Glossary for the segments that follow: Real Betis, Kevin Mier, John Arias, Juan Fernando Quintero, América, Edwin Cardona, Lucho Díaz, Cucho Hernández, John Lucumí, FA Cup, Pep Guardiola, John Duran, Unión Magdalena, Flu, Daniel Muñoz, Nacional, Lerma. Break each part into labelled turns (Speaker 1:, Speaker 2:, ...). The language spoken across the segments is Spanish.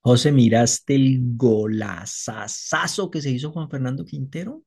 Speaker 1: José, ¿miraste el golazazazo que se hizo Juan Fernando Quintero?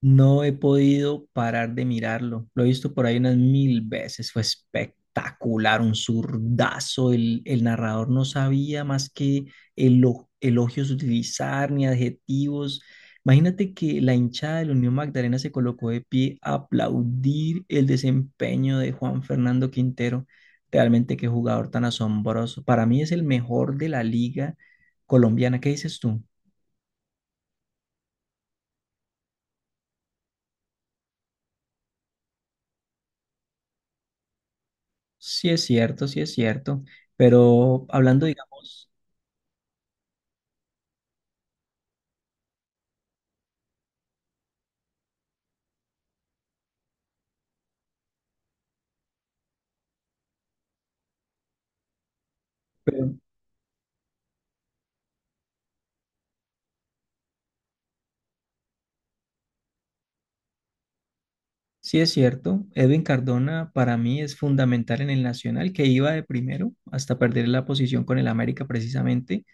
Speaker 1: No he podido parar de mirarlo. Lo he visto por ahí unas mil veces. Fue espectacular, un zurdazo. El narrador no sabía más que elogios utilizar ni adjetivos. Imagínate que la hinchada de la Unión Magdalena se colocó de pie a aplaudir el desempeño de Juan Fernando Quintero. Realmente qué jugador tan asombroso. Para mí es el mejor de la liga colombiana. ¿Qué dices tú? Sí es cierto, pero hablando, digamos, pero sí es cierto, Edwin Cardona para mí es fundamental en el Nacional, que iba de primero hasta perder la posición con el América precisamente.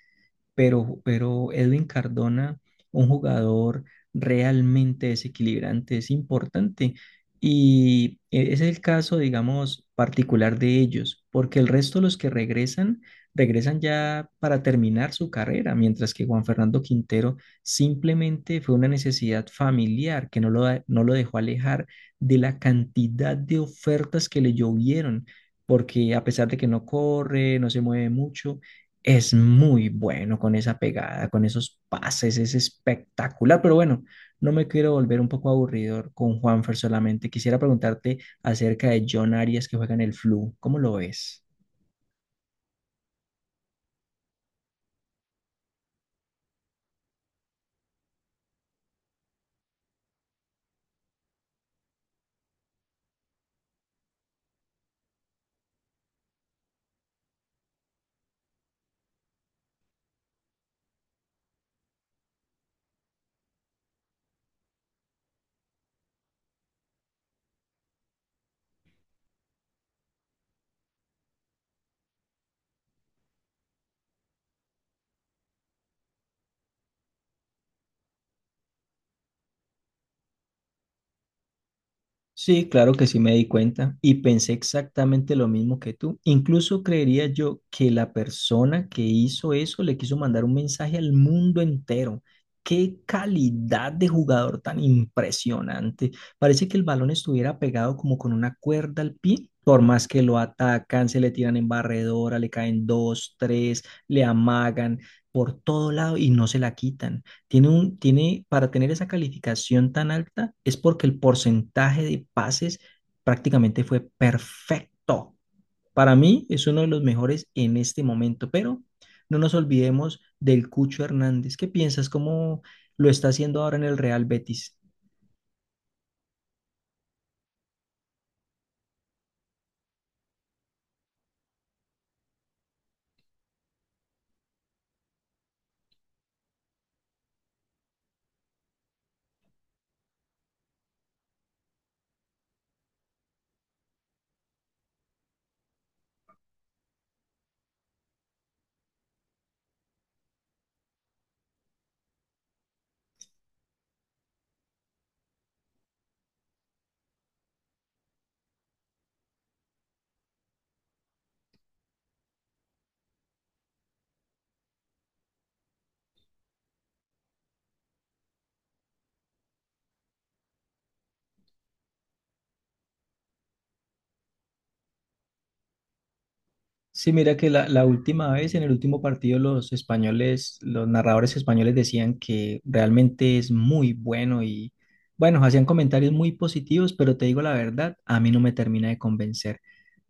Speaker 1: Pero Edwin Cardona, un jugador realmente desequilibrante, es importante. Y ese es el caso, digamos, particular de ellos, porque el resto de los que regresan, regresan ya para terminar su carrera, mientras que Juan Fernando Quintero simplemente fue una necesidad familiar que no lo dejó alejar de la cantidad de ofertas que le llovieron, porque a pesar de que no corre, no se mueve mucho, es muy bueno con esa pegada, con esos pases, es espectacular. Pero bueno, no me quiero volver un poco aburridor con Juanfer solamente. Quisiera preguntarte acerca de John Arias que juega en el Flu. ¿Cómo lo ves? Sí, claro que sí me di cuenta y pensé exactamente lo mismo que tú. Incluso creería yo que la persona que hizo eso le quiso mandar un mensaje al mundo entero. Qué calidad de jugador tan impresionante. Parece que el balón estuviera pegado como con una cuerda al pie. Por más que lo atacan, se le tiran en barredora, le caen dos, tres, le amagan por todo lado y no se la quitan. Tiene un, tiene, para tener esa calificación tan alta es porque el porcentaje de pases prácticamente fue perfecto. Para mí es uno de los mejores en este momento, pero no nos olvidemos del Cucho Hernández. ¿Qué piensas? ¿Cómo lo está haciendo ahora en el Real Betis? Sí, mira que la última vez, en el último partido, los españoles, los narradores españoles decían que realmente es muy bueno y, bueno, hacían comentarios muy positivos, pero te digo la verdad, a mí no me termina de convencer.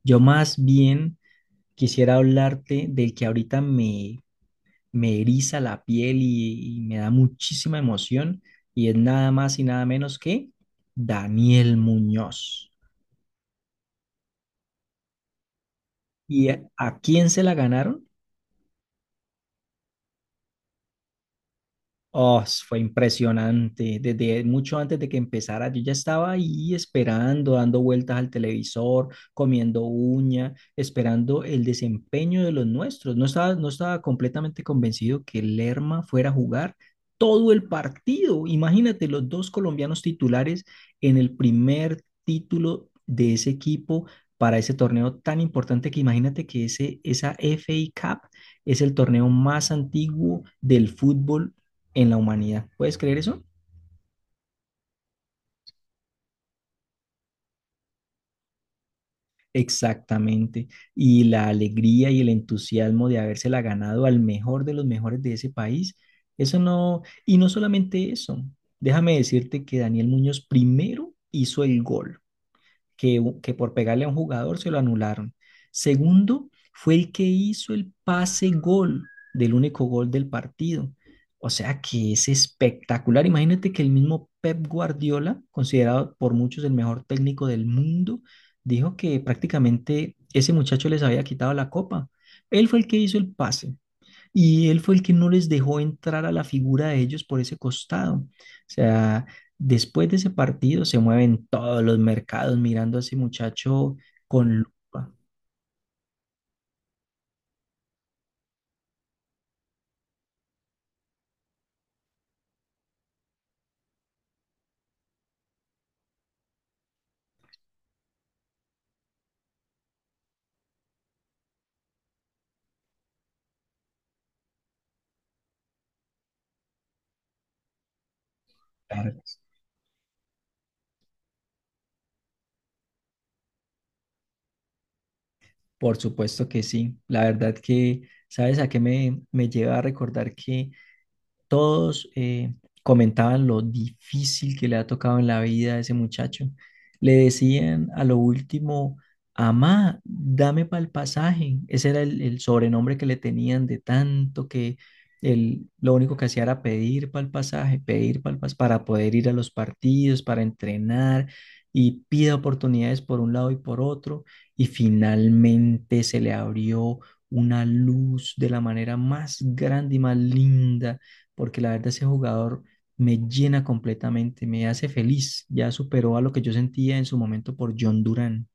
Speaker 1: Yo más bien quisiera hablarte del que ahorita me, me eriza la piel y me da muchísima emoción, y es nada más y nada menos que Daniel Muñoz. ¿Y a quién se la ganaron? Oh, fue impresionante. Desde mucho antes de que empezara, yo ya estaba ahí esperando, dando vueltas al televisor, comiendo uña, esperando el desempeño de los nuestros. No estaba completamente convencido que Lerma fuera a jugar todo el partido. Imagínate los dos colombianos titulares en el primer título de ese equipo para ese torneo tan importante que imagínate que esa FA Cup es el torneo más antiguo del fútbol en la humanidad. ¿Puedes creer eso? Exactamente. Y la alegría y el entusiasmo de habérsela ganado al mejor de los mejores de ese país. Eso no, y no solamente eso. Déjame decirte que Daniel Muñoz primero hizo el gol que por pegarle a un jugador se lo anularon. Segundo, fue el que hizo el pase gol del único gol del partido. O sea que es espectacular. Imagínate que el mismo Pep Guardiola, considerado por muchos el mejor técnico del mundo, dijo que prácticamente ese muchacho les había quitado la copa. Él fue el que hizo el pase, y él fue el que no les dejó entrar a la figura de ellos por ese costado. O sea, después de ese partido se mueven todos los mercados mirando a ese muchacho con lupa. Claro, por supuesto que sí. La verdad que, ¿sabes a qué me, me lleva a recordar que todos comentaban lo difícil que le ha tocado en la vida a ese muchacho? Le decían a lo último, Amá, dame para el pasaje. Ese era el sobrenombre que le tenían de tanto que él lo único que hacía era pedir para el pasaje, pedir para poder ir a los partidos, para entrenar y pide oportunidades por un lado y por otro. Y finalmente se le abrió una luz de la manera más grande y más linda porque la verdad ese jugador me llena completamente, me hace feliz. Ya superó a lo que yo sentía en su momento por John Duran.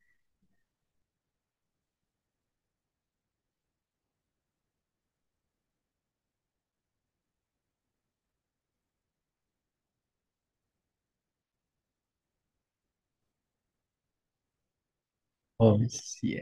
Speaker 1: Oh, sí,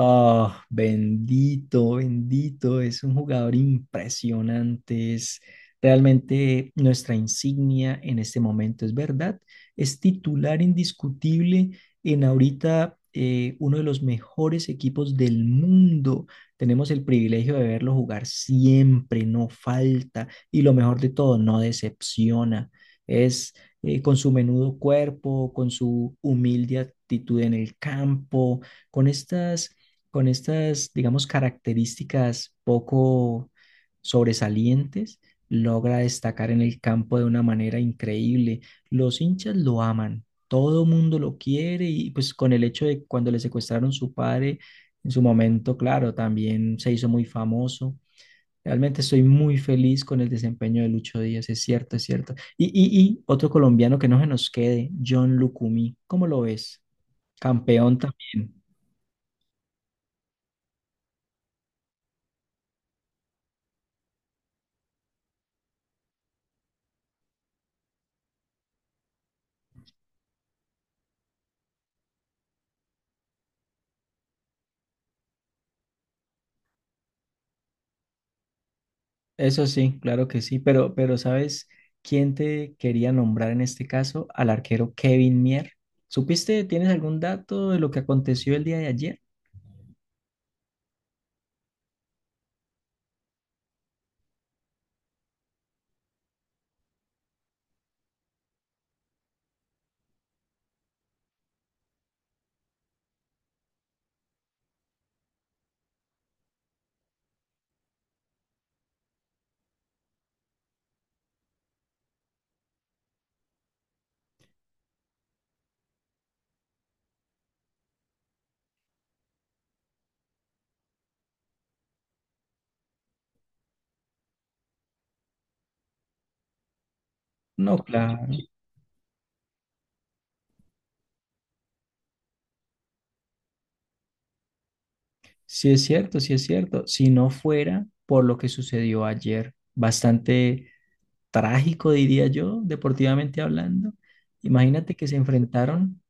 Speaker 1: ah, bendito, bendito, es un jugador impresionante, es realmente nuestra insignia en este momento, es verdad, es titular indiscutible en ahorita uno de los mejores equipos del mundo. Tenemos el privilegio de verlo jugar siempre, no falta y lo mejor de todo, no decepciona. Es con su menudo cuerpo, con su humilde actitud en el campo, con estas con estas, digamos, características poco sobresalientes, logra destacar en el campo de una manera increíble. Los hinchas lo aman, todo mundo lo quiere y pues con el hecho de cuando le secuestraron su padre, en su momento, claro, también se hizo muy famoso. Realmente estoy muy feliz con el desempeño de Lucho Díaz, es cierto, es cierto. Y otro colombiano que no se nos quede, John Lucumí, ¿cómo lo ves? Campeón también. Eso sí, claro que sí, pero ¿sabes quién te quería nombrar en este caso? Al arquero Kevin Mier. ¿Supiste, tienes algún dato de lo que aconteció el día de ayer? No, claro. Sí es cierto, sí es cierto. Si no fuera por lo que sucedió ayer, bastante trágico, diría yo, deportivamente hablando. Imagínate que se enfrentaron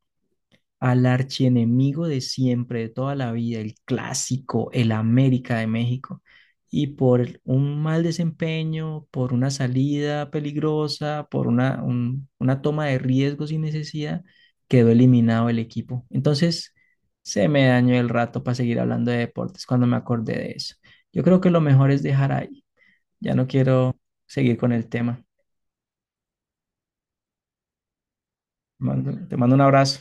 Speaker 1: al archienemigo de siempre, de toda la vida, el clásico, el América de México, y por un mal desempeño, por una salida peligrosa, por una toma de riesgo sin necesidad, quedó eliminado el equipo. Entonces, se me dañó el rato para seguir hablando de deportes cuando me acordé de eso. Yo creo que lo mejor es dejar ahí. Ya no quiero seguir con el tema. Te mando un abrazo.